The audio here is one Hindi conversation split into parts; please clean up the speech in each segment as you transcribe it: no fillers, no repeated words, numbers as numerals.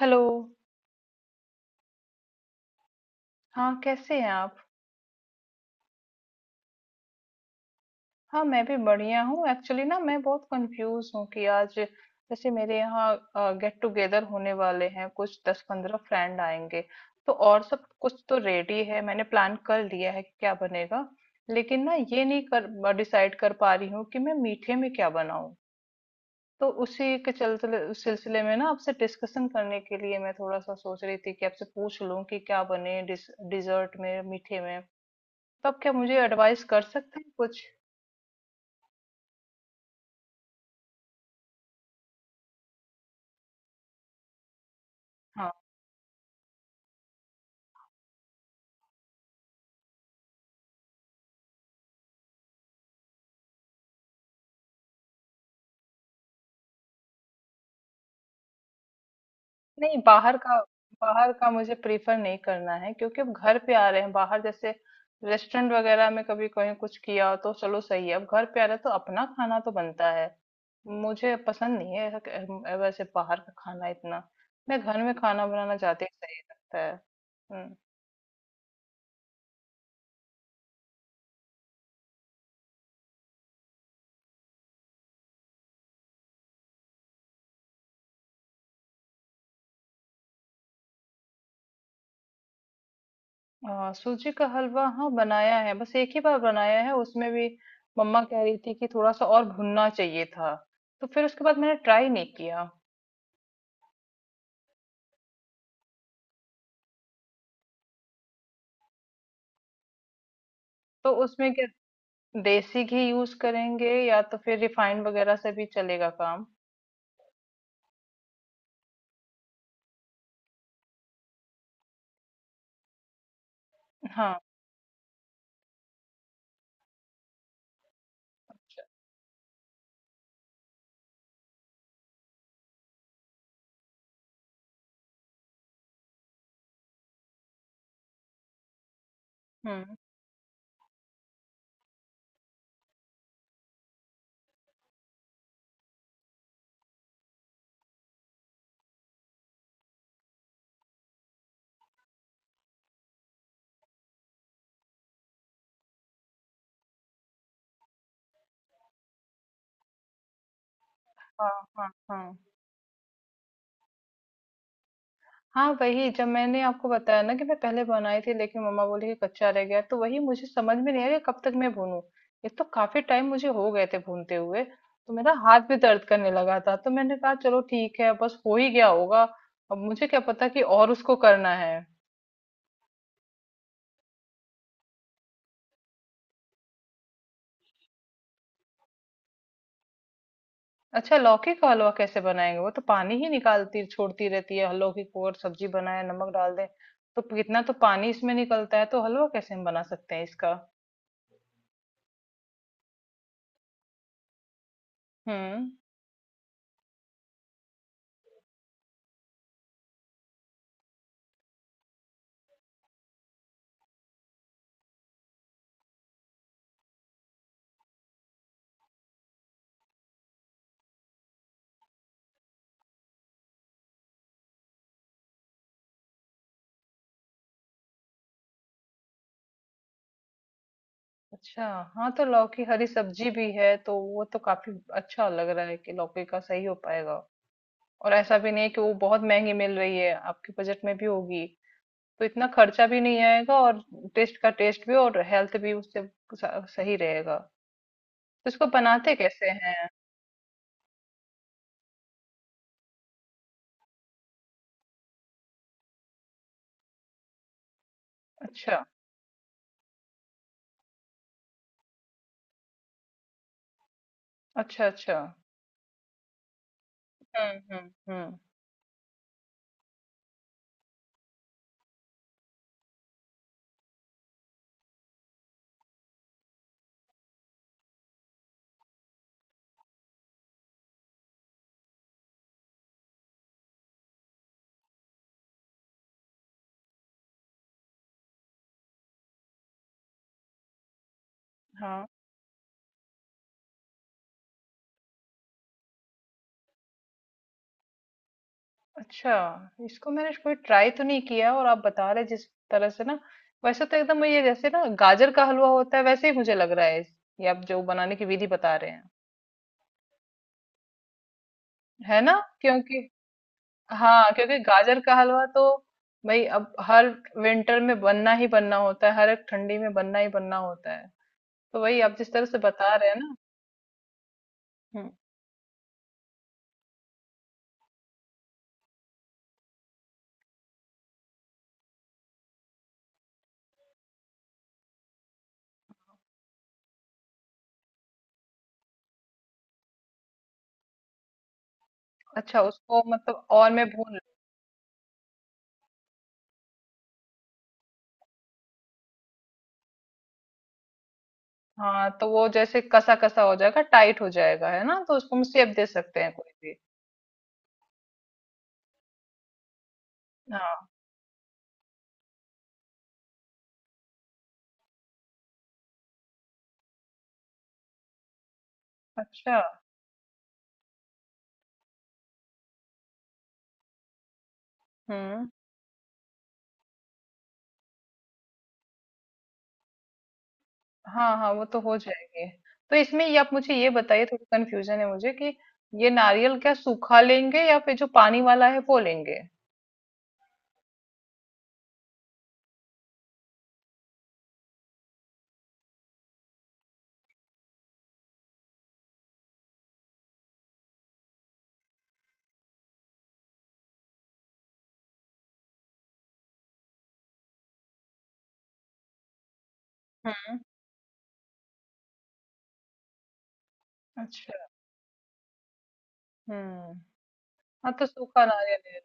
हेलो। हाँ, कैसे हैं आप? हाँ, मैं भी बढ़िया हूँ। एक्चुअली ना मैं बहुत कंफ्यूज हूँ कि आज जैसे मेरे यहाँ गेट टुगेदर होने वाले हैं, कुछ 10-15 फ्रेंड आएंगे। तो और सब कुछ तो रेडी है, मैंने प्लान कर लिया है कि क्या बनेगा, लेकिन ना ये नहीं कर डिसाइड कर पा रही हूँ कि मैं मीठे में क्या बनाऊँ। तो उसी के चलते उस सिलसिले में ना आपसे डिस्कशन करने के लिए मैं थोड़ा सा सोच रही थी कि आपसे पूछ लूँ कि क्या बने डिजर्ट में, मीठे में। तब क्या मुझे एडवाइस कर सकते हैं कुछ? हाँ। नहीं, बाहर का। बाहर का मुझे प्रीफर नहीं करना है, क्योंकि अब घर पे आ रहे हैं। बाहर जैसे रेस्टोरेंट वगैरह में कभी कहीं कुछ किया तो चलो सही है, अब घर पे आ रहे हैं तो अपना खाना तो बनता है। मुझे पसंद नहीं है ऐसा, वैसे बाहर का खाना इतना मैं घर में खाना बनाना ज्यादा ही सही लगता है। हम्म। हाँ, सूजी का हलवा हाँ बनाया है, बस एक ही बार बनाया है। उसमें भी मम्मा कह रही थी कि थोड़ा सा और भुनना चाहिए था, तो फिर उसके बाद मैंने ट्राई नहीं किया। तो उसमें क्या देसी घी यूज करेंगे या तो फिर रिफाइंड वगैरह से भी चलेगा काम? हाँ। हम्म। हाँ हाँ, हाँ। हाँ, वही जब मैंने आपको बताया ना कि मैं पहले बनाई थी लेकिन मम्मा बोली कि कच्चा रह गया, तो वही मुझे समझ में नहीं आया कि कब तक मैं भूनूं। एक तो काफी टाइम मुझे हो गए थे भूनते हुए, तो मेरा हाथ भी दर्द करने लगा था, तो मैंने कहा चलो ठीक है, बस हो ही गया होगा। अब मुझे क्या पता कि और उसको करना है। अच्छा, लौकी का हलवा कैसे बनाएंगे? वो तो पानी ही निकालती छोड़ती रहती है लौकी को, और सब्जी बनाए नमक डाल दें तो कितना तो पानी इसमें निकलता है। तो हलवा कैसे हम बना सकते हैं इसका? हम्म। अच्छा। हाँ, तो लौकी हरी सब्जी भी है तो वो तो काफी अच्छा लग रहा है कि लौकी का सही हो पाएगा। और ऐसा भी नहीं कि वो बहुत महंगी मिल रही है, आपके बजट में भी होगी तो इतना खर्चा भी नहीं आएगा। और टेस्ट का टेस्ट भी और हेल्थ भी उससे सही रहेगा। तो इसको बनाते कैसे हैं? अच्छा। अच्छा। अच्छा। हम्म, हम्म, हम्म। हाँ। अच्छा, इसको मैंने कोई ट्राई तो नहीं किया, और आप बता रहे जिस तरह से ना, वैसे तो एकदम ये जैसे ना गाजर का हलवा होता है वैसे ही मुझे लग रहा है ये आप जो बनाने की विधि बता रहे हैं। है ना, क्योंकि हाँ, क्योंकि गाजर का हलवा तो भाई अब हर विंटर में बनना ही बनना होता है, हर एक ठंडी में बनना ही बनना होता है। तो वही आप जिस तरह से बता रहे हैं ना। हम्म। अच्छा, उसको मतलब और मैं भून। हाँ, तो वो जैसे कसा कसा हो जाएगा, टाइट हो जाएगा है ना, तो उसको हम शेप दे सकते हैं कोई भी। हाँ। अच्छा। हुँ। हाँ, हाँ, वो तो हो जाएगी। तो इसमें ये आप मुझे ये बताइए, थोड़ी कन्फ्यूज़न है मुझे कि ये नारियल क्या सूखा लेंगे या फिर जो पानी वाला है वो लेंगे? हुँ, अच्छा। हुँ। हाँ, तो सूखा नारियल ले।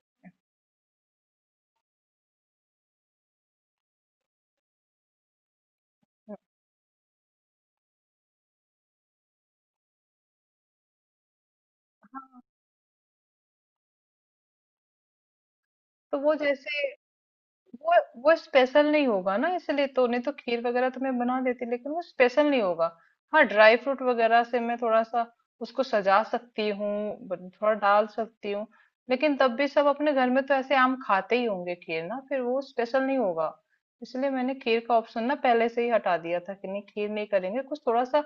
तो वो जैसे वो वो स्पेशल नहीं होगा ना, इसलिए। तो नहीं तो खीर वगैरह तो मैं बना देती, लेकिन वो स्पेशल नहीं होगा। हाँ, ड्राई फ्रूट वगैरह से मैं थोड़ा सा उसको सजा सकती हूँ, थोड़ा डाल सकती हूँ, लेकिन तब भी सब अपने घर में तो ऐसे आम खाते ही होंगे खीर ना, फिर वो स्पेशल नहीं होगा। इसलिए मैंने खीर का ऑप्शन ना पहले से ही हटा दिया था कि नहीं, खीर नहीं करेंगे, कुछ थोड़ा सा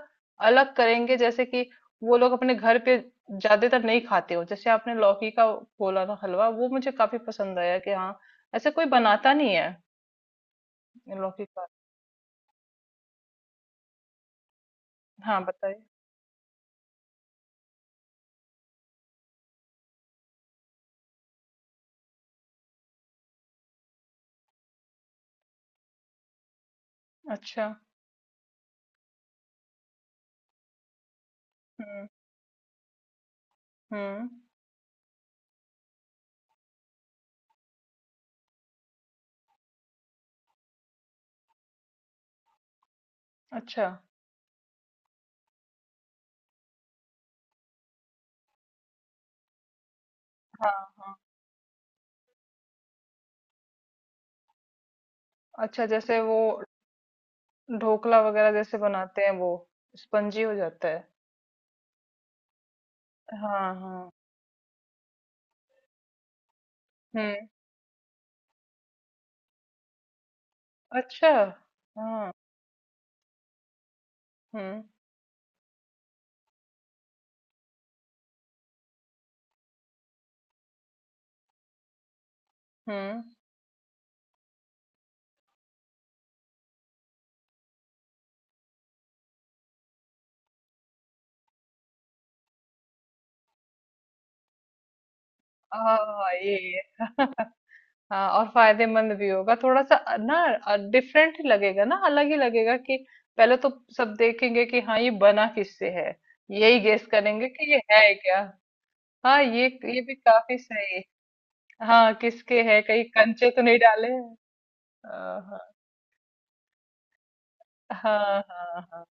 अलग करेंगे। जैसे कि वो लोग अपने घर पे ज्यादातर नहीं खाते हो, जैसे आपने लौकी का बोला ना हलवा, वो मुझे काफी पसंद आया कि हाँ, ऐसे कोई बनाता नहीं है इन लौकी का। हाँ, बताइए। अच्छा। हम्म, हम्म। अच्छा। हाँ, हाँ। अच्छा, जैसे वो ढोकला वगैरह जैसे बनाते हैं वो स्पंजी हो जाता है। हाँ, हाँ। हम्म। अच्छा। हाँ। हम्म। हम्म। हाँ, हाँ, ये हाँ, और फायदेमंद भी होगा थोड़ा सा, ना डिफरेंट ही लगेगा ना, अलग ही लगेगा कि पहले तो सब देखेंगे कि हाँ ये बना किससे है, यही गेस करेंगे कि ये है क्या। हाँ, ये। ये भी काफी सही। हाँ, किसके है, कहीं कंचे तो नहीं डाले हैं? हाँ। हाँ। हाँ। हाँ।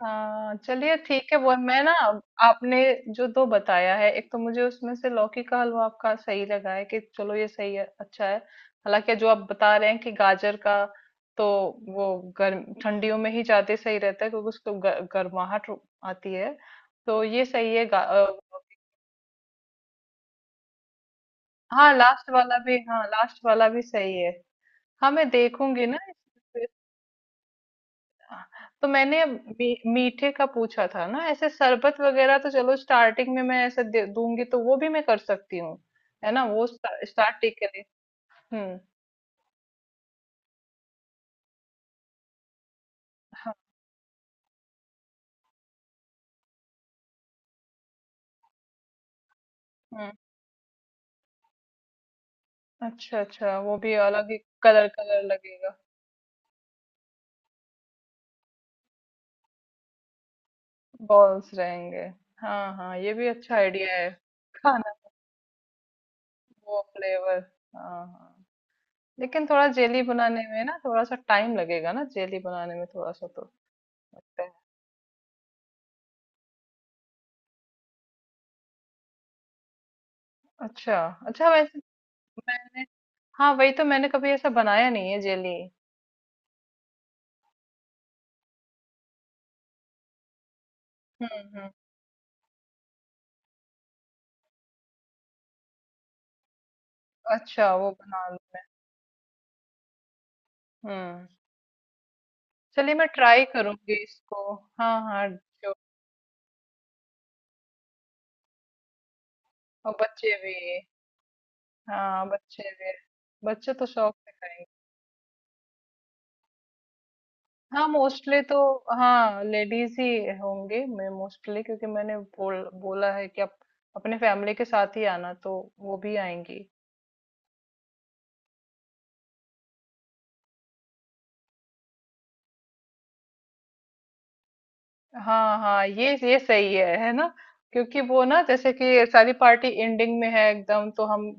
हाँ, चलिए ठीक है, वो मैं ना। आपने जो दो बताया है, एक तो मुझे उसमें से लौकी का हलवा आपका सही लगा है कि चलो ये सही है, अच्छा है। हालांकि जो आप बता रहे हैं कि गाजर का, तो वो गर्म ठंडियों में ही ज्यादा सही रहता है क्योंकि उसको गर्माहट आती है। तो ये सही है हाँ, लास्ट वाला भी, हाँ लास्ट वाला भी सही है। हाँ, मैं देखूंगी ना तो मैंने मीठे का पूछा था ना, ऐसे शरबत वगैरह तो चलो स्टार्टिंग में मैं ऐसे दे दूंगी, तो वो भी मैं कर सकती हूँ। है ना, वो स्टार्टिंग के लिए। हम्म। हाँ। हम्म। अच्छा, अच्छा, वो भी अलग ही कलर कलर लगेगा। बॉल्स रहेंगे। हाँ, हाँ, ये भी अच्छा आइडिया है। खाना, वो फ्लेवर। हाँ, हाँ, लेकिन थोड़ा जेली बनाने में ना, थोड़ा सा टाइम लगेगा ना जेली बनाने में, थोड़ा सा तो लगता है। अच्छा, अच्छा, वैसे मैंने, हाँ, वही तो मैंने कभी ऐसा बनाया नहीं है जेली। हम्म, हम्म। अच्छा, वो बना लो। हम्म। चलिए, मैं ट्राई करूंगी इसको। हाँ, हाँ, जो। और बच्चे भी, हाँ बच्चे भी, बच्चे तो शौक से खाएंगे। हाँ, मोस्टली तो, हाँ लेडीज ही होंगे मैं मोस्टली, क्योंकि मैंने बोला है कि आप अपने फैमिली के साथ ही आना तो वो भी आएंगी। हाँ, हाँ, ये सही है ना, क्योंकि वो ना जैसे कि सारी पार्टी एंडिंग में है एकदम, तो हम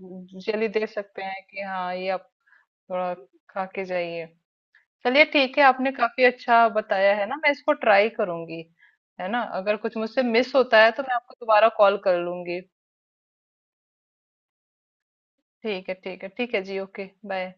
जल्दी दे सकते हैं कि हाँ ये आप थोड़ा खा के जाइए। चलिए ठीक है, आपने काफी अच्छा बताया है ना, मैं इसको ट्राई करूंगी। है ना, अगर कुछ मुझसे मिस होता है तो मैं आपको दोबारा कॉल कर लूंगी। ठीक है, ठीक है, ठीक है जी, ओके। बाय।